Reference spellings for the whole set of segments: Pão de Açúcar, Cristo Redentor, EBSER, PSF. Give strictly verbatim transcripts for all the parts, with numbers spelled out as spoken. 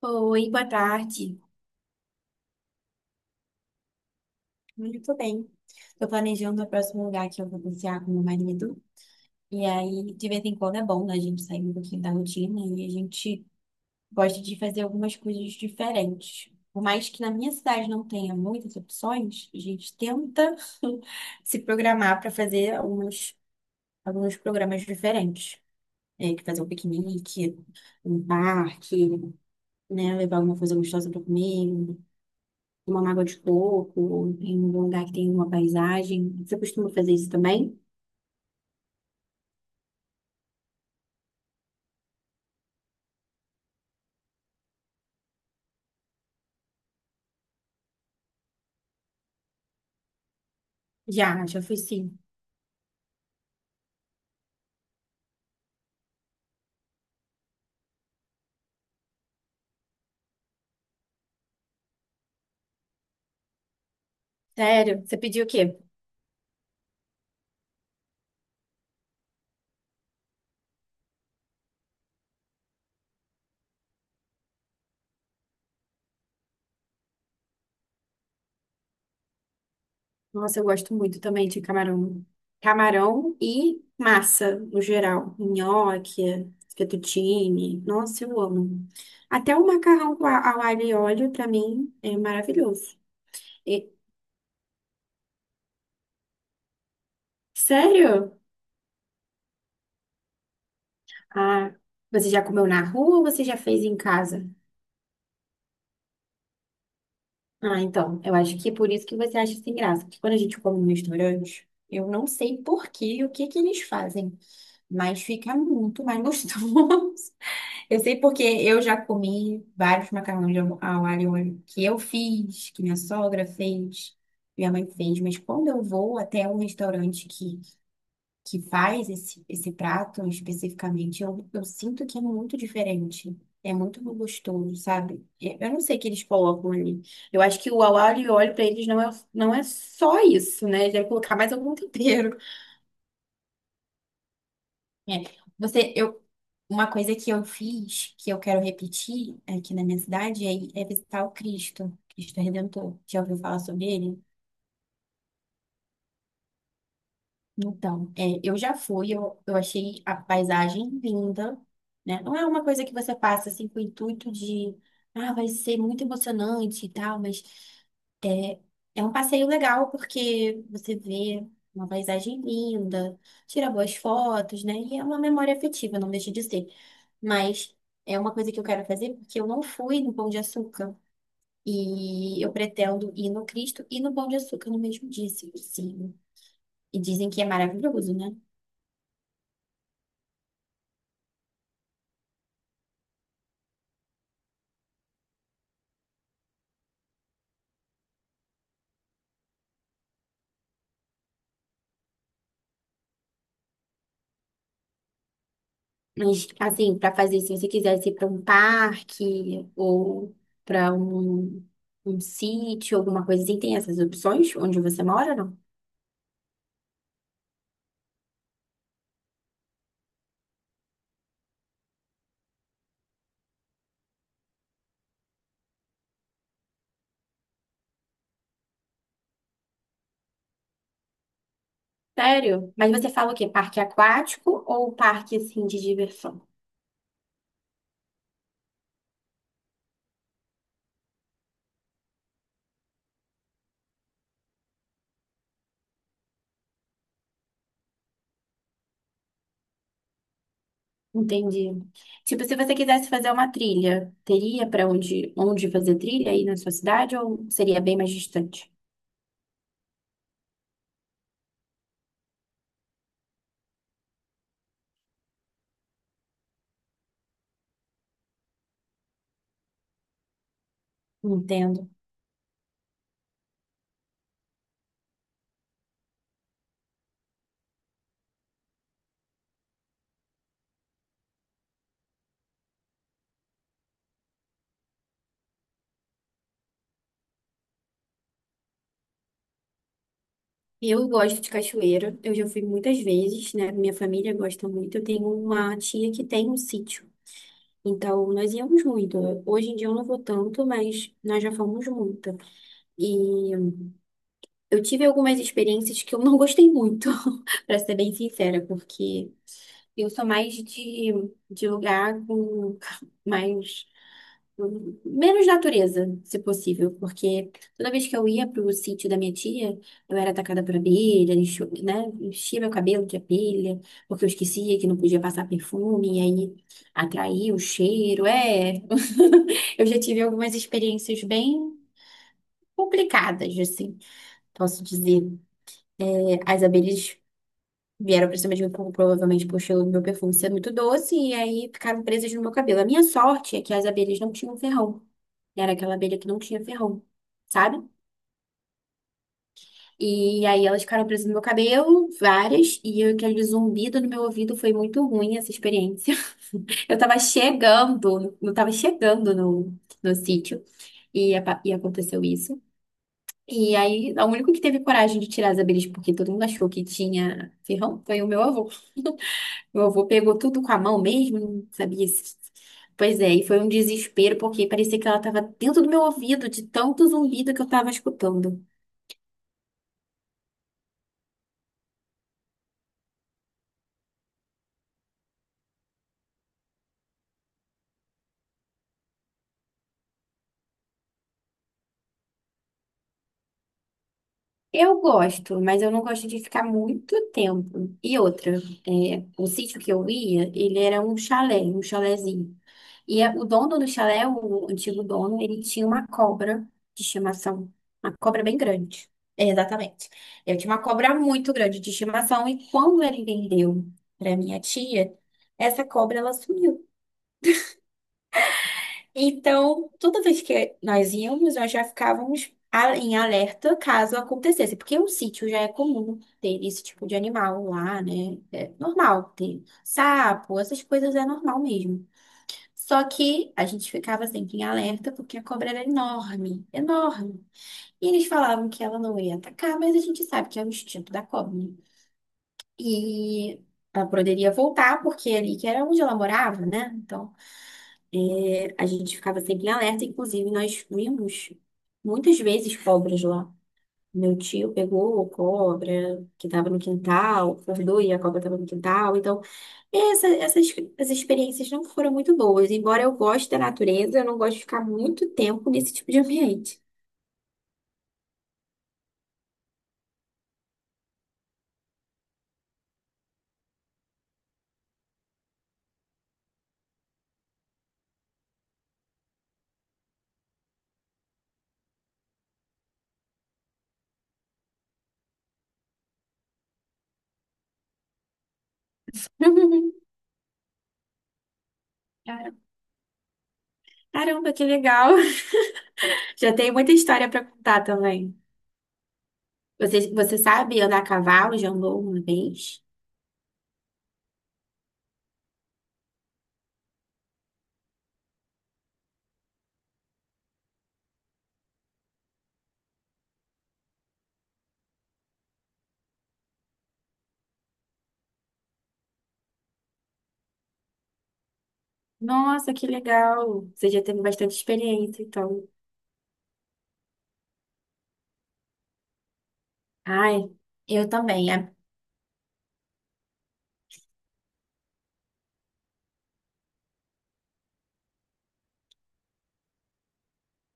Oi, boa tarde. Muito bem. Estou planejando o próximo lugar que eu vou passear com meu marido. E aí, de vez em quando é bom, né? A gente sair um pouquinho da rotina e a gente gosta de fazer algumas coisas diferentes. Por mais que na minha cidade não tenha muitas opções, a gente tenta se programar para fazer alguns, alguns programas diferentes. É, que fazer um piquenique, um parque, né? Levar alguma coisa gostosa para comer, uma mágoa de coco, ou em um lugar que tem uma paisagem. Você costuma fazer isso também? Já, já fui sim. Sério? Você pediu o quê? Nossa, eu gosto muito também de camarão. Camarão e massa, no geral. Nhoque, fettuccine. Nossa, eu amo. Até o macarrão com a- ao alho e óleo, pra mim, é maravilhoso. E- Sério? Ah, você já comeu na rua ou você já fez em casa? Ah, então, eu acho que é por isso que você acha sem graça. Porque quando a gente come no restaurante, eu não sei por quê e o que que eles fazem, mas fica muito mais gostoso. Eu sei porque eu já comi vários macarrões de ao ao alho e óleo que eu fiz, que minha sogra fez, minha mãe fez, mas quando eu vou até um restaurante que que faz esse, esse prato especificamente, eu, eu sinto que é muito diferente. É muito gostoso, sabe? eu Eu não sei o que eles colocam ali. Eu acho que o au alho e óleo para eles não é, não é só isso, né? Deve colocar mais algum tempero. É, Você, eu, uma coisa que eu fiz, que eu quero repetir aqui na minha cidade, é, é visitar o Cristo, Cristo Redentor. Já ouviu falar sobre ele? Então, é, eu já fui, eu, eu achei a paisagem linda, né? Não é uma coisa que você passa assim com o intuito de, ah, vai ser muito emocionante e tal, mas é, é um passeio legal porque você vê uma paisagem linda, tira boas fotos, né? E é uma memória afetiva, não deixa de ser. Mas é uma coisa que eu quero fazer porque eu não fui no Pão de Açúcar e eu pretendo ir no Cristo e no Pão de Açúcar no mesmo dia, se possível. E dizem que é maravilhoso, né? Mas, assim, para fazer, se você quisesse ir para um parque ou para um, um sítio, alguma coisa assim, tem essas opções onde você mora, não? Sério? Mas você fala o quê? Parque aquático ou parque, assim, de diversão? Entendi. Tipo, se você quisesse fazer uma trilha, teria para onde, onde fazer trilha aí na sua cidade ou seria bem mais distante? Entendo. Eu gosto de cachoeira, eu já fui muitas vezes, né? Minha família gosta muito. Eu tenho uma tia que tem um sítio. Então, nós íamos muito. Hoje em dia eu não vou tanto, mas nós já fomos muito. E eu tive algumas experiências que eu não gostei muito, pra ser bem sincera, porque eu sou mais de, de lugar com mais. Menos natureza, se possível, porque toda vez que eu ia pro sítio da minha tia, eu era atacada por abelha, enchi- né? Enchia meu cabelo de abelha, porque eu esquecia que não podia passar perfume, e aí atraía o cheiro. É, eu já tive algumas experiências bem complicadas, assim, posso dizer. É, as abelhas vieram pra cima de mim, por- provavelmente por o meu perfume ser muito doce, e aí ficaram presas no meu cabelo. A minha sorte é que as abelhas não tinham ferrão. Era aquela abelha que não tinha ferrão, sabe? E aí elas ficaram presas no meu cabelo, várias, e aquele zumbido no meu ouvido foi muito ruim essa experiência. Eu tava chegando, não tava chegando no, no sítio, e, apa- e aconteceu isso. E aí, o único que teve coragem de tirar as abelhas, porque todo mundo achou que tinha ferrão, foi o meu avô. Meu avô pegou tudo com a mão mesmo, não sabia se. Pois é, e foi um desespero, porque parecia que ela estava dentro do meu ouvido, de tanto zumbido que eu estava escutando. Eu gosto, mas eu não gosto de ficar muito tempo. E outra, é, o sítio que eu ia, ele era um chalé, um chalézinho. E a- o dono do chalé, o antigo dono, ele tinha uma cobra de estimação, uma cobra bem grande. É, exatamente. Eu tinha uma cobra muito grande de estimação e quando ele vendeu para minha tia, essa cobra ela sumiu. Então, toda vez que nós íamos, nós já ficávamos a- em alerta caso acontecesse, porque o sítio já é comum ter esse tipo de animal lá, né? É normal ter sapo, essas coisas é normal mesmo. Só que a gente ficava sempre em alerta porque a cobra era enorme, enorme. E eles falavam que ela não ia atacar, mas a gente sabe que é o instinto da cobra, né? E ela poderia voltar porque é ali que era onde ela morava, né? Então é, a gente ficava sempre em alerta, inclusive nós vimos muitas vezes cobras lá. Meu tio pegou cobra que estava no quintal, acordou e a cobra estava no quintal. Então, essa- essas, as experiências não foram muito boas. Embora eu goste da natureza, eu não gosto de ficar muito tempo nesse tipo de ambiente. Cara- Caramba, que legal! Já tem muita história para contar também. Você, você sabe andar a cavalo? Já andou uma vez? Nossa, que legal. Você já teve bastante experiência, então. Ai, eu também. É,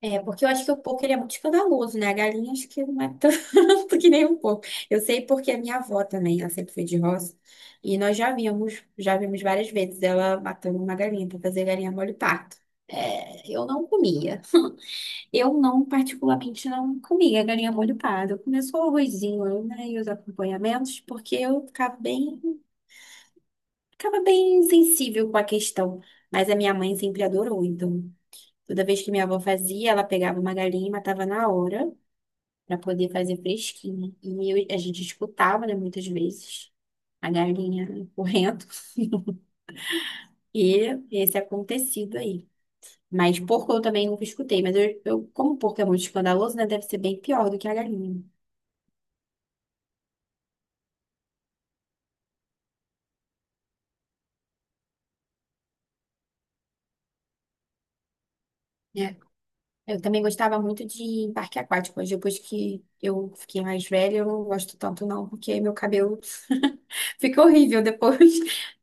é, porque eu acho que o porco ele é muito escandaloso, né? A galinha acho que não é tanto que nem um porco. Eu sei porque a minha avó também, ela sempre foi de roça. E nós já vimos, já vimos várias vezes ela matando uma galinha para fazer galinha molho parto. É, eu não comia. Eu não, particularmente, não comia galinha molho pardo. Eu comia só o arrozinho, né, e os acompanhamentos, porque eu ficava bem ficava bem sensível com a questão, mas a minha mãe sempre adorou, então. Toda vez que minha avó fazia, ela pegava uma galinha e matava na hora para poder fazer fresquinha. E eu- a gente escutava, né, muitas vezes a galinha correndo e esse acontecido aí. Mas porco eu também nunca escutei, mas eu, eu como porco é muito escandaloso, né, deve ser bem pior do que a galinha. Eu também gostava muito de parque aquático, mas depois que eu fiquei mais velha, eu não gosto tanto não, porque meu cabelo fica horrível depois.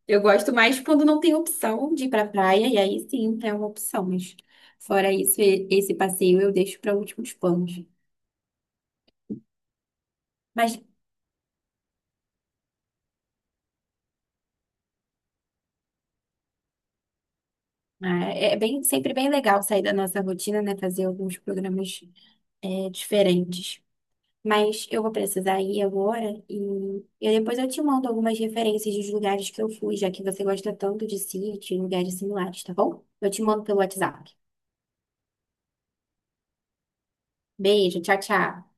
Eu gosto mais quando não tem opção de ir pra praia, e aí sim é uma opção, mas fora isso, e- esse passeio eu deixo para últimos planos. Mas ah, é bem, sempre bem legal sair da nossa rotina, né? Fazer alguns programas eh, diferentes. Mas eu vou precisar ir agora e, e depois eu te mando algumas referências dos lugares que eu fui, já que você gosta tanto de sítio e lugares similares, tá bom? Eu te mando pelo WhatsApp. Beijo, tchau, tchau.